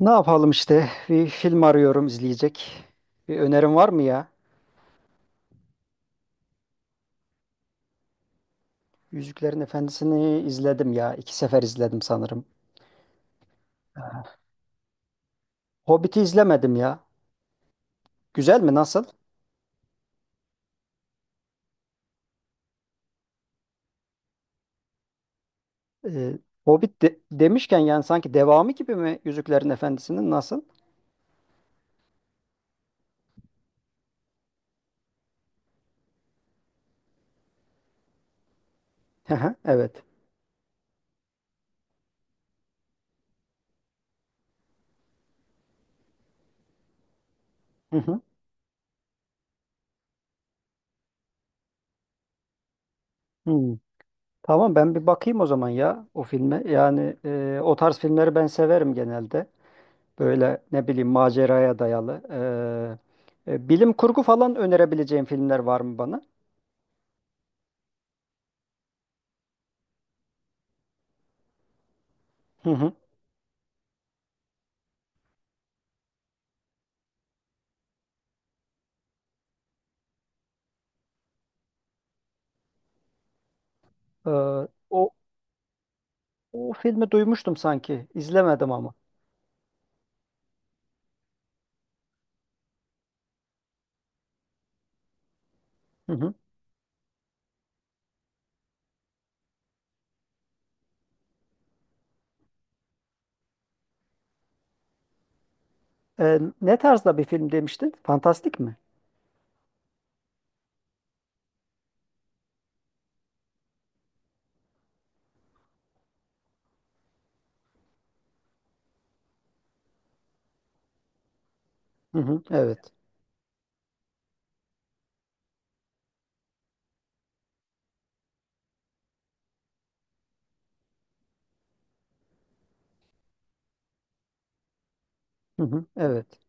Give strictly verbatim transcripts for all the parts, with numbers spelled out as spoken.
Ne yapalım işte? Bir film arıyorum izleyecek. Bir önerin var mı ya? Yüzüklerin Efendisi'ni izledim ya. İki sefer izledim sanırım. Hobbit'i izlemedim ya. Güzel mi? Nasıl? Ee, Hobbit de- demişken yani sanki devamı gibi mi Yüzüklerin Efendisi'nin nasıl? Hı hı, evet. Hı hı. Hmm. Tamam, ben bir bakayım o zaman ya o filme. Yani, e, o tarz filmleri ben severim genelde. Böyle ne bileyim maceraya dayalı. E, e, bilim kurgu falan önerebileceğim filmler var mı bana? Hı hı. Ee, o, o filmi duymuştum sanki. İzlemedim ama. Hı hı. Ee, ne tarzda bir film demiştin? Fantastik mi? Hı hı. Evet. Hı hı, evet.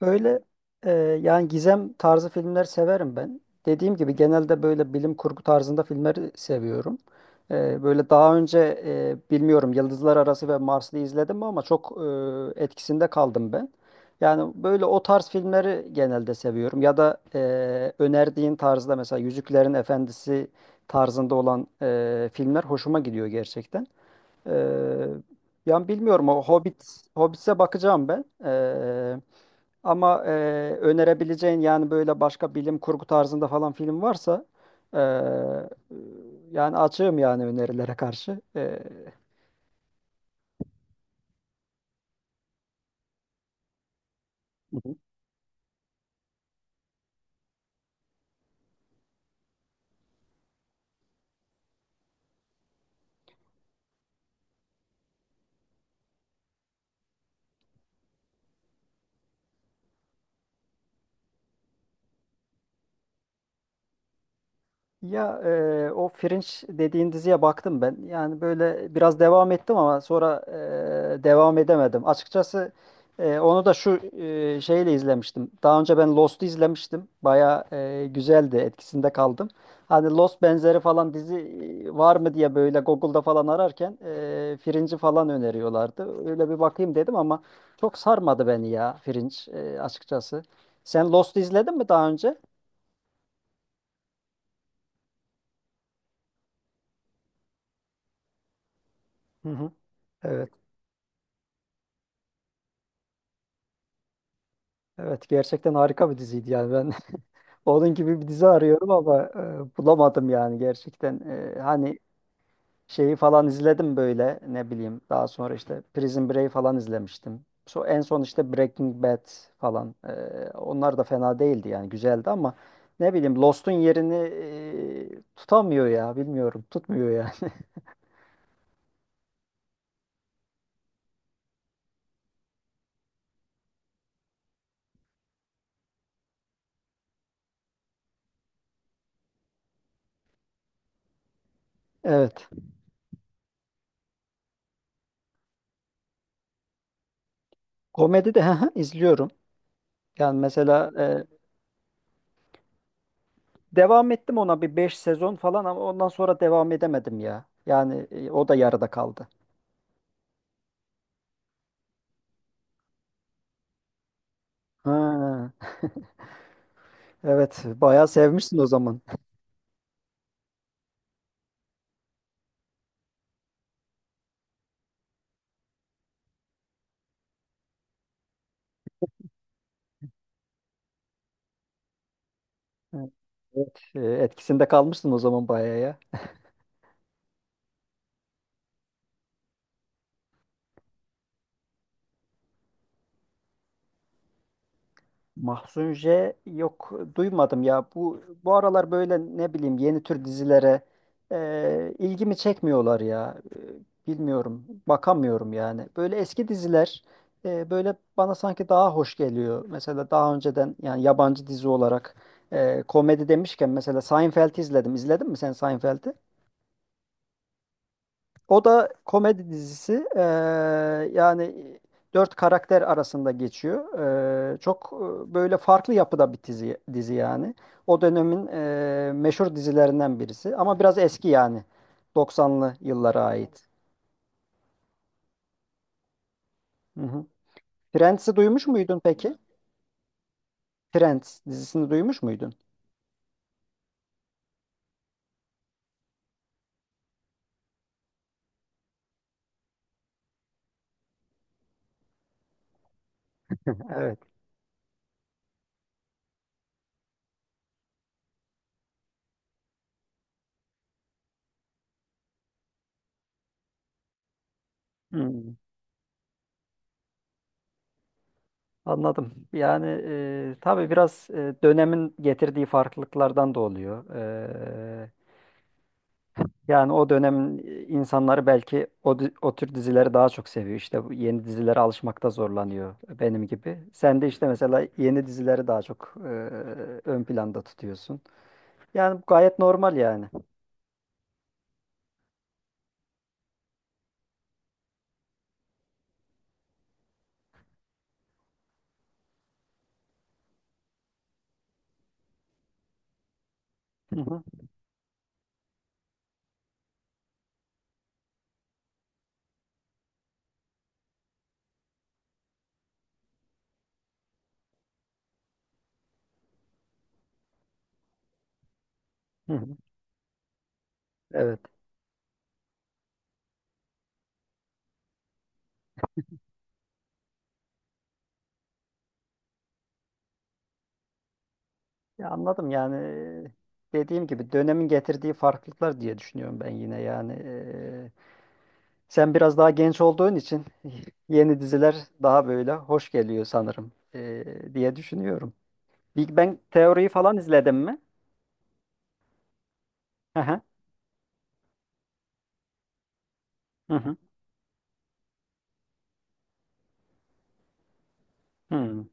Böyle, e, yani gizem tarzı filmler severim ben. Dediğim gibi genelde böyle bilim kurgu tarzında filmleri seviyorum. E, böyle daha önce, e, bilmiyorum, Yıldızlar Arası ve Marslı izledim mi ama çok e, etkisinde kaldım ben. Yani böyle o tarz filmleri genelde seviyorum. Ya da, e, önerdiğin tarzda mesela Yüzüklerin Efendisi tarzında olan, e, filmler hoşuma gidiyor gerçekten. E, Yani bilmiyorum, o Hobbit, Hobbit'e bakacağım ben. E, ama, e, önerebileceğin yani böyle başka bilim kurgu tarzında falan film varsa, e, yani açığım yani önerilere karşı. E, Ya, e, o Fringe dediğin diziye baktım ben. Yani böyle biraz devam ettim ama sonra, e, devam edemedim. Açıkçası, e, onu da şu, e, şeyle izlemiştim. Daha önce ben Lost'u izlemiştim. Baya e, güzeldi, etkisinde kaldım. Hani Lost benzeri falan dizi e, var mı diye böyle Google'da falan ararken e, Fringe'i falan öneriyorlardı. Öyle bir bakayım dedim ama çok sarmadı beni ya Fringe, e, açıkçası. Sen Lost'u izledin mi daha önce? Hı hı. Evet. Evet, gerçekten harika bir diziydi yani ben onun gibi bir dizi arıyorum ama e, bulamadım yani gerçekten. E, hani şeyi falan izledim böyle, ne bileyim, daha sonra işte Prison Break falan izlemiştim. So, en son işte Breaking Bad falan E, Onlar da fena değildi yani güzeldi ama ne bileyim Lost'un yerini e, tutamıyor ya, bilmiyorum, tutmuyor yani. Evet, komedi de izliyorum yani mesela, e, devam ettim ona bir beş sezon falan ama ondan sonra devam edemedim ya. Yani, e, o da yarıda kaldı. Ha, evet, bayağı sevmişsin o zaman. Evet, e, etkisinde kalmışsın o zaman bayağı ya. Mahzun J, yok, duymadım ya. Bu bu aralar böyle, ne bileyim, yeni tür dizilere e, ilgimi çekmiyorlar ya. E, bilmiyorum. Bakamıyorum yani. Böyle eski diziler e, böyle bana sanki daha hoş geliyor. Mesela daha önceden yani yabancı dizi olarak, e, komedi demişken mesela Seinfeld'i izledim. İzledin mi sen Seinfeld'i? O da komedi dizisi. Ee, yani dört karakter arasında geçiyor. Ee, çok e, böyle farklı yapıda bir dizi, dizi yani. O dönemin e, meşhur dizilerinden birisi. Ama biraz eski yani. doksanlı yıllara ait. Hı hı. Friends'i duymuş muydun peki? Friends dizisini duymuş muydun? Evet. Hmm, anladım. Yani e, tabii biraz, e, dönemin getirdiği farklılıklardan da oluyor. Yani o dönem insanları belki o, di- o tür dizileri daha çok seviyor. İşte bu yeni dizilere alışmakta zorlanıyor benim gibi. Sen de işte mesela yeni dizileri daha çok e, ön planda tutuyorsun. Yani bu gayet normal yani. Hı hı, hı hı. Evet. Ya anladım yani, dediğim gibi dönemin getirdiği farklılıklar diye düşünüyorum ben yine yani. E, sen biraz daha genç olduğun için yeni diziler daha böyle hoş geliyor sanırım, e, diye düşünüyorum. Big Bang teoriyi falan izledin mi? Hı hı. Hı hı. Hı.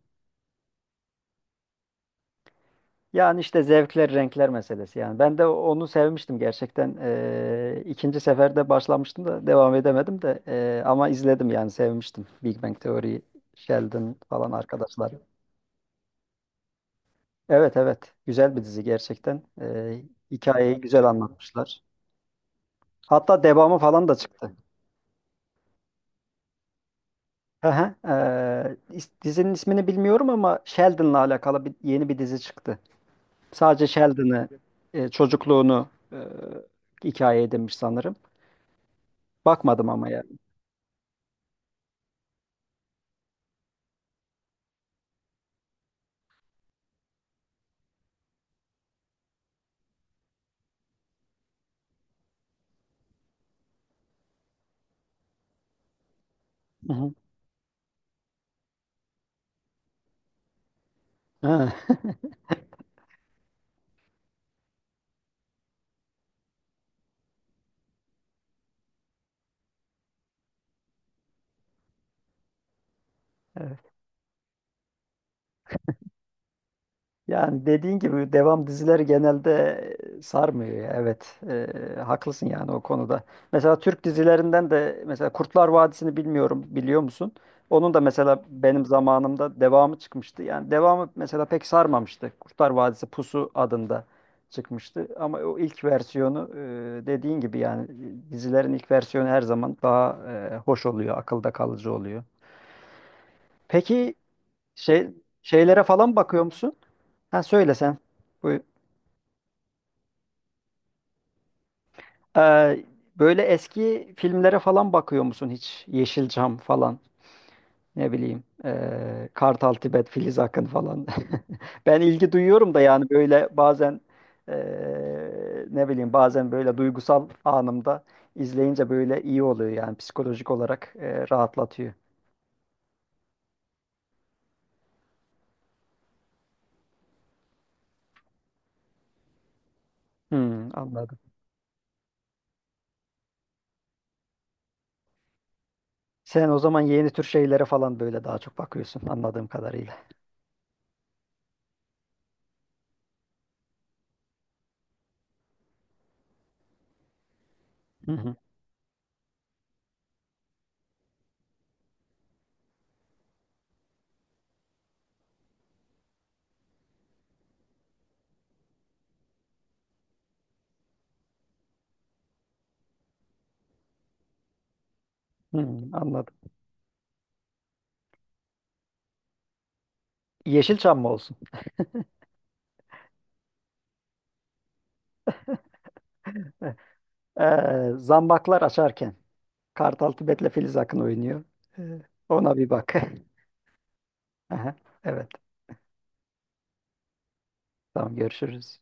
Yani işte zevkler, renkler meselesi yani. Ben de onu sevmiştim gerçekten. Ee, ikinci seferde başlamıştım da devam edemedim de, ee, ama izledim yani sevmiştim. Big Bang Theory, Sheldon falan arkadaşlar. Evet, evet, güzel bir dizi gerçekten. Ee, hikayeyi güzel anlatmışlar. Hatta devamı falan da çıktı. Hı hı. Ee, is- dizinin ismini bilmiyorum ama Sheldon'la alakalı bir, yeni bir dizi çıktı. Sadece Sheldon'ı, e, çocukluğunu, e, hikaye edinmiş sanırım. Bakmadım ama yani. Hı hı. Ha. Evet. Yani dediğin gibi devam dizileri genelde sarmıyor ya. Evet, e, haklısın yani o konuda. Mesela Türk dizilerinden de mesela Kurtlar Vadisi'ni bilmiyorum, biliyor musun? Onun da mesela benim zamanımda devamı çıkmıştı. Yani devamı mesela pek sarmamıştı. Kurtlar Vadisi Pusu adında çıkmıştı. Ama o ilk versiyonu, e, dediğin gibi yani, e, dizilerin ilk versiyonu her zaman daha e, hoş oluyor, akılda kalıcı oluyor. Peki şey şeylere falan bakıyor musun? Ha, söyle sen. Buyur. Ee, Böyle eski filmlere falan bakıyor musun hiç? Yeşilçam falan, ne bileyim, ee, Kartal Tibet, Filiz Akın falan. Ben ilgi duyuyorum da yani böyle bazen, ee, ne bileyim, bazen böyle duygusal anımda izleyince böyle iyi oluyor yani psikolojik olarak, ee, rahatlatıyor. Hmm, anladım. Sen o zaman yeni tür şeylere falan böyle daha çok bakıyorsun anladığım kadarıyla. Hı hı. Hmm, anladım. Yeşilçam mı olsun? Ee, Zambaklar Açarken. Kartal Tibet'le Filiz Akın oynuyor. Ee, Ona bir bak. Aha, evet. Tamam, görüşürüz.